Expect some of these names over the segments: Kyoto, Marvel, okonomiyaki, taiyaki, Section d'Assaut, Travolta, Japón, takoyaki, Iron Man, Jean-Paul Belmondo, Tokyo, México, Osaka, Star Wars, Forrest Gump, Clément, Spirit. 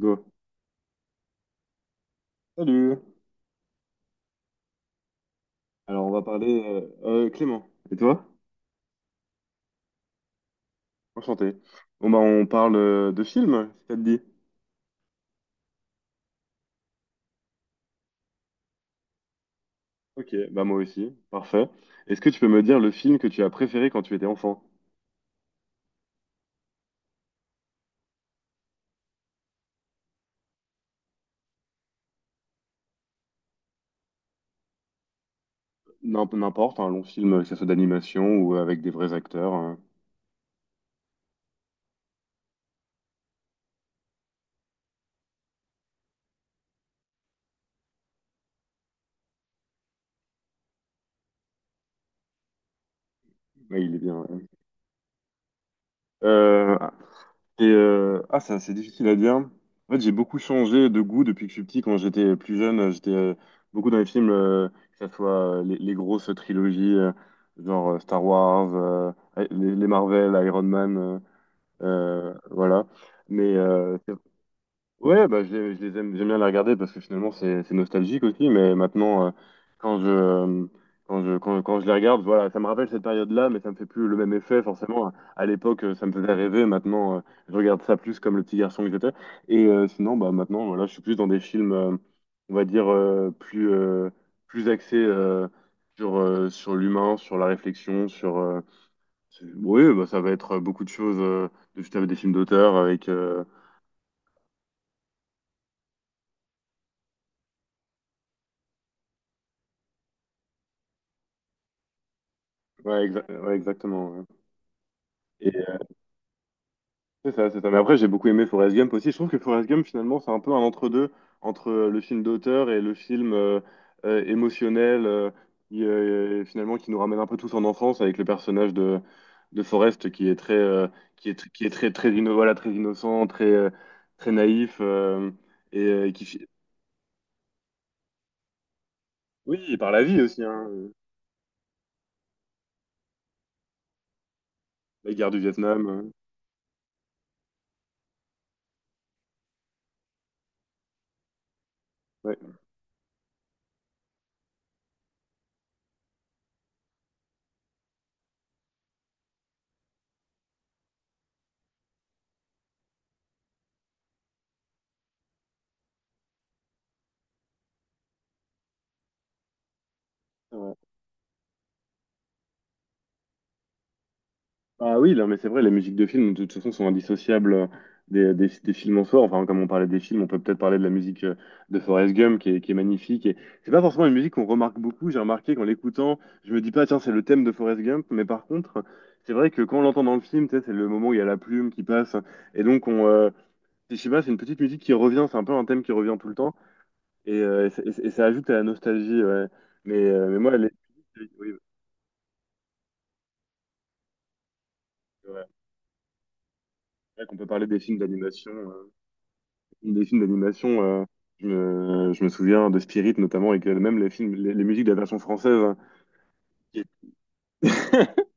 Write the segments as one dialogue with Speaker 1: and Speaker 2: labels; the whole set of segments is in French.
Speaker 1: Go. Salut. Alors, on va parler. Clément. Et toi? Enchanté. Bon, bah, on parle de films, si ça te dit. Ok, bah, moi aussi. Parfait. Est-ce que tu peux me dire le film que tu as préféré quand tu étais enfant? N'importe, un long film, que ce soit d'animation ou avec des vrais acteurs, hein. Ouais, il est bien, ouais. Euh, ah, ça, c'est difficile à dire. En fait, j'ai beaucoup changé de goût depuis que je suis petit. Quand j'étais plus jeune, j'étais beaucoup dans les films, que ce soit les grosses trilogies, genre Star Wars, les Marvel, Iron Man, voilà. Mais euh, Ouais, bah, je les aime, j'aime bien les regarder parce que finalement c'est nostalgique aussi, mais maintenant quand je euh, quand je les regarde, voilà, ça me rappelle cette période-là, mais ça me fait plus le même effet forcément. À l'époque, ça me faisait rêver, maintenant je regarde ça plus comme le petit garçon que j'étais. Et sinon, bah maintenant, voilà, je suis plus dans des films, on va dire plus plus axés sur sur l'humain, sur la réflexion, oui, bah, ça va être beaucoup de choses. Je des films d'auteur avec ouais, ouais, exactement, ouais. Et c'est ça, c'est ça. Mais après, j'ai beaucoup aimé Forrest Gump aussi. Je trouve que Forrest Gump, finalement, c'est un peu un entre-deux entre le film d'auteur et le film émotionnel, qui, finalement, qui nous ramène un peu tous en enfance avec le personnage de Forrest qui est très, très, voilà, très innocent, très, très naïf, et oui, et par la vie aussi, hein, la guerre du Vietnam. euh, ouais. Ah oui, non, mais c'est vrai, les musiques de films, de toute façon, sont indissociables des films en soi. Enfin, comme on parlait des films, on peut peut-être parler de la musique de Forrest Gump, qui est magnifique. Et c'est pas forcément une musique qu'on remarque beaucoup. J'ai remarqué qu'en l'écoutant, je me dis pas, tiens, c'est le thème de Forrest Gump. Mais par contre, c'est vrai que quand on l'entend dans le film, tu sais, c'est le moment où il y a la plume qui passe. Et donc, je sais pas, c'est une petite musique qui revient. C'est un peu un thème qui revient tout le temps. Et ça ajoute à la nostalgie. Ouais. Mais moi, oui, c'est vrai. C'est vrai qu'on peut parler des films d'animation. Des films d'animation, je me souviens de Spirit notamment, et que même les films, les musiques de la version française, hein, qui-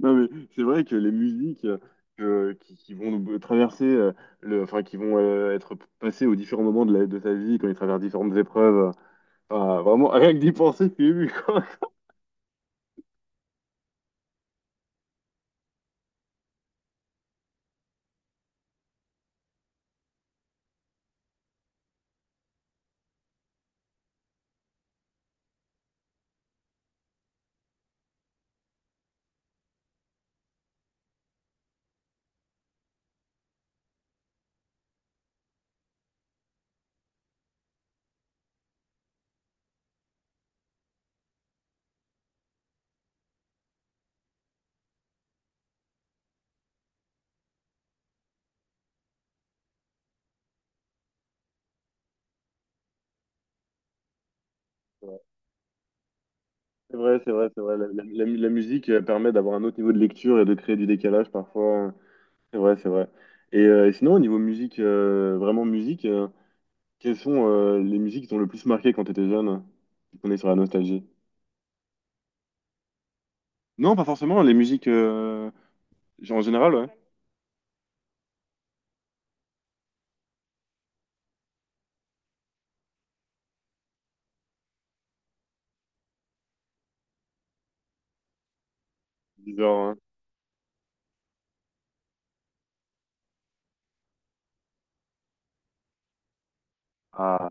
Speaker 1: Non mais c'est vrai que les musiques qui vont nous traverser, enfin qui vont être passées aux différents moments de ta vie quand ils traversent différentes épreuves, enfin, vraiment rien que d'y penser, je suis ému, quoi. C'est vrai, c'est vrai, c'est vrai. La musique permet d'avoir un autre niveau de lecture et de créer du décalage parfois. C'est vrai, c'est vrai. Et sinon, au niveau musique, vraiment musique. Quelles sont les musiques qui t'ont le plus marqué quand t'étais jeune? On est sur la nostalgie. Non, pas forcément, les musiques genre, en général, ouais. Du genre, ah,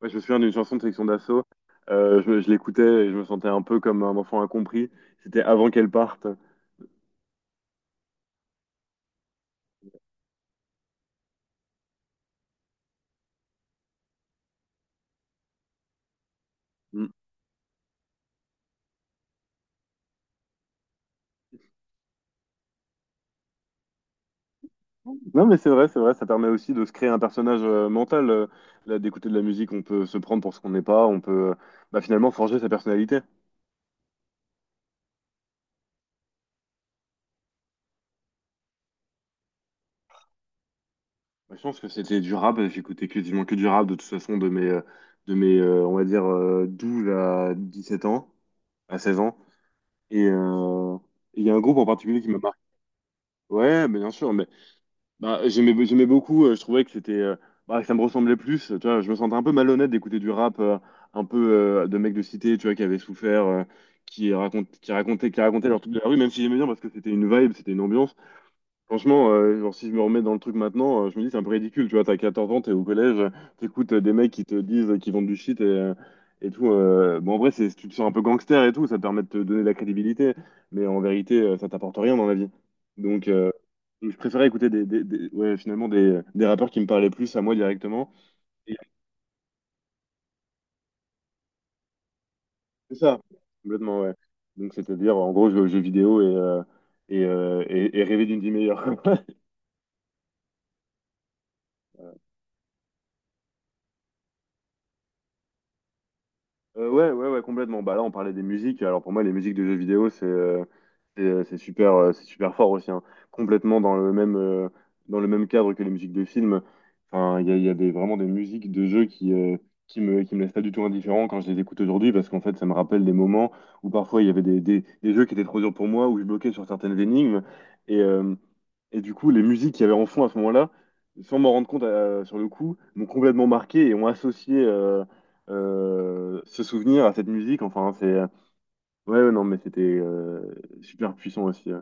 Speaker 1: ouais, je me souviens d'une chanson de Section d'Assaut. Je l'écoutais et je me sentais un peu comme un enfant incompris. C'était avant qu'elle parte. Mm. Non, mais c'est vrai, ça permet aussi de se créer un personnage mental. Là, d'écouter de la musique, on peut se prendre pour ce qu'on n'est pas, on peut bah, finalement forger sa personnalité. Moi, je pense que c'était du rap, j'écoutais quasiment que du rap de toute façon de mes, on va dire, 12 à sept ans, à 16 ans. Et il y a un groupe en particulier qui m'a marqué. Ouais, mais bien sûr, mais bah, j'aimais beaucoup, je trouvais que c'était, bah, que ça me ressemblait plus. Tu vois, je me sentais un peu malhonnête d'écouter du rap un peu de mecs de cité, tu vois, qui avaient souffert, qui racontaient leur truc de la rue, même si j'aimais bien parce que c'était une vibe, c'était une ambiance. Franchement, genre, si je me remets dans le truc maintenant, je me dis c'est un peu ridicule, tu vois, t'as 14 ans, t'es au collège, t'écoutes des mecs qui te disent qu'ils vendent du shit et tout. Bon, en vrai, tu te sens un peu gangster et tout, ça te permet de te donner de la crédibilité, mais en vérité, ça t'apporte rien dans la vie. Donc, je préférais écouter ouais, finalement des rappeurs qui me parlaient plus à moi directement. Et c'est ça, complètement, ouais. Donc, c'est-à-dire, en gros, jouer aux jeux vidéo et rêver d'une vie meilleure. Ouais, ouais, ouais, complètement. Bah là, on parlait des musiques. Alors pour moi, les musiques de jeux vidéo, c'est super fort aussi, hein. Complètement dans le même cadre que les musiques de films. Enfin, il y a vraiment des musiques de jeux qui me laissent pas du tout indifférent quand je les écoute aujourd'hui parce qu'en fait, ça me rappelle des moments où parfois il y avait des jeux qui étaient trop durs pour moi, où je bloquais sur certaines énigmes et euh, et du coup, les musiques qu'il y avait en fond à ce moment-là, sans m'en rendre compte sur le coup, m'ont complètement marqué et ont associé ce souvenir à cette musique. Enfin, c'est. Ouais, ouais, non, mais c'était super puissant aussi.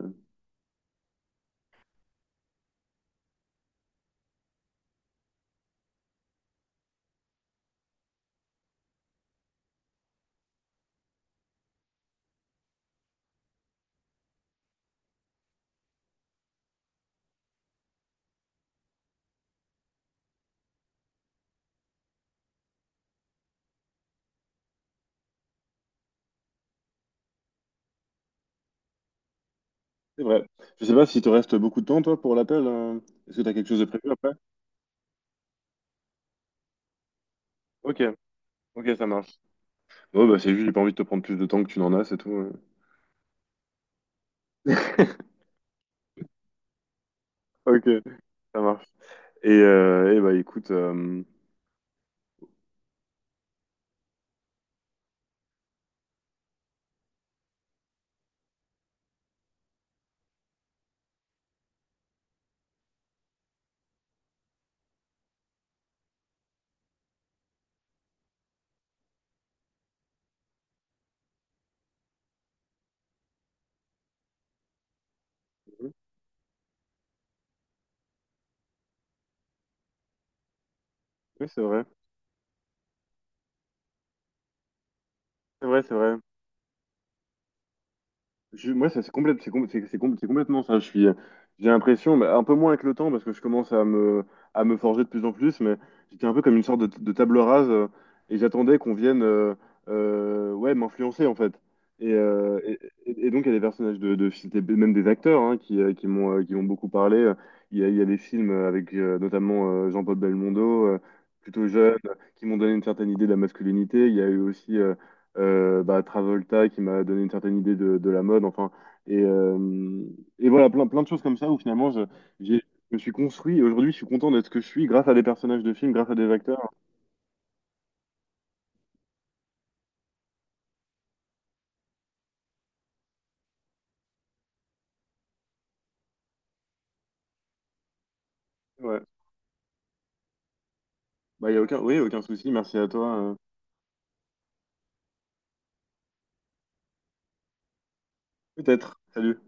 Speaker 1: C'est vrai. Je sais pas si te reste beaucoup de temps, toi, pour l'appel. Est-ce que t'as quelque chose de prévu après? Ok, ok, ça marche. Bon, bah, c'est juste, j'ai pas envie de te prendre plus de temps que tu n'en as, c'est tout. Ok, ça marche. Et, eh bah, écoute. Oui, c'est vrai. C'est vrai, c'est vrai. Moi, ça, c'est complète, c'est com- c'est complètement ça. J'ai l'impression, bah, un peu moins avec le temps, parce que je commence à me forger de plus en plus, mais j'étais un peu comme une sorte de table rase, et j'attendais qu'on vienne ouais, m'influencer, en fait. Et, euh, et, et donc, il y a des personnages de films, et même des acteurs, hein, qui m'ont beaucoup parlé. Il y a des films avec notamment Jean-Paul Belmondo, plutôt jeune, qui m'ont donné une certaine idée de la masculinité. Il y a eu aussi bah, Travolta qui m'a donné une certaine idée de la mode, enfin, et, euh, et voilà, plein, plein de choses comme ça où finalement j'ai- je me suis construit, et aujourd'hui je suis content d'être ce que je suis grâce à des personnages de films, grâce à des acteurs. Ouais. Bah, y a aucun, oui, aucun souci, merci à toi. Peut-être. Salut.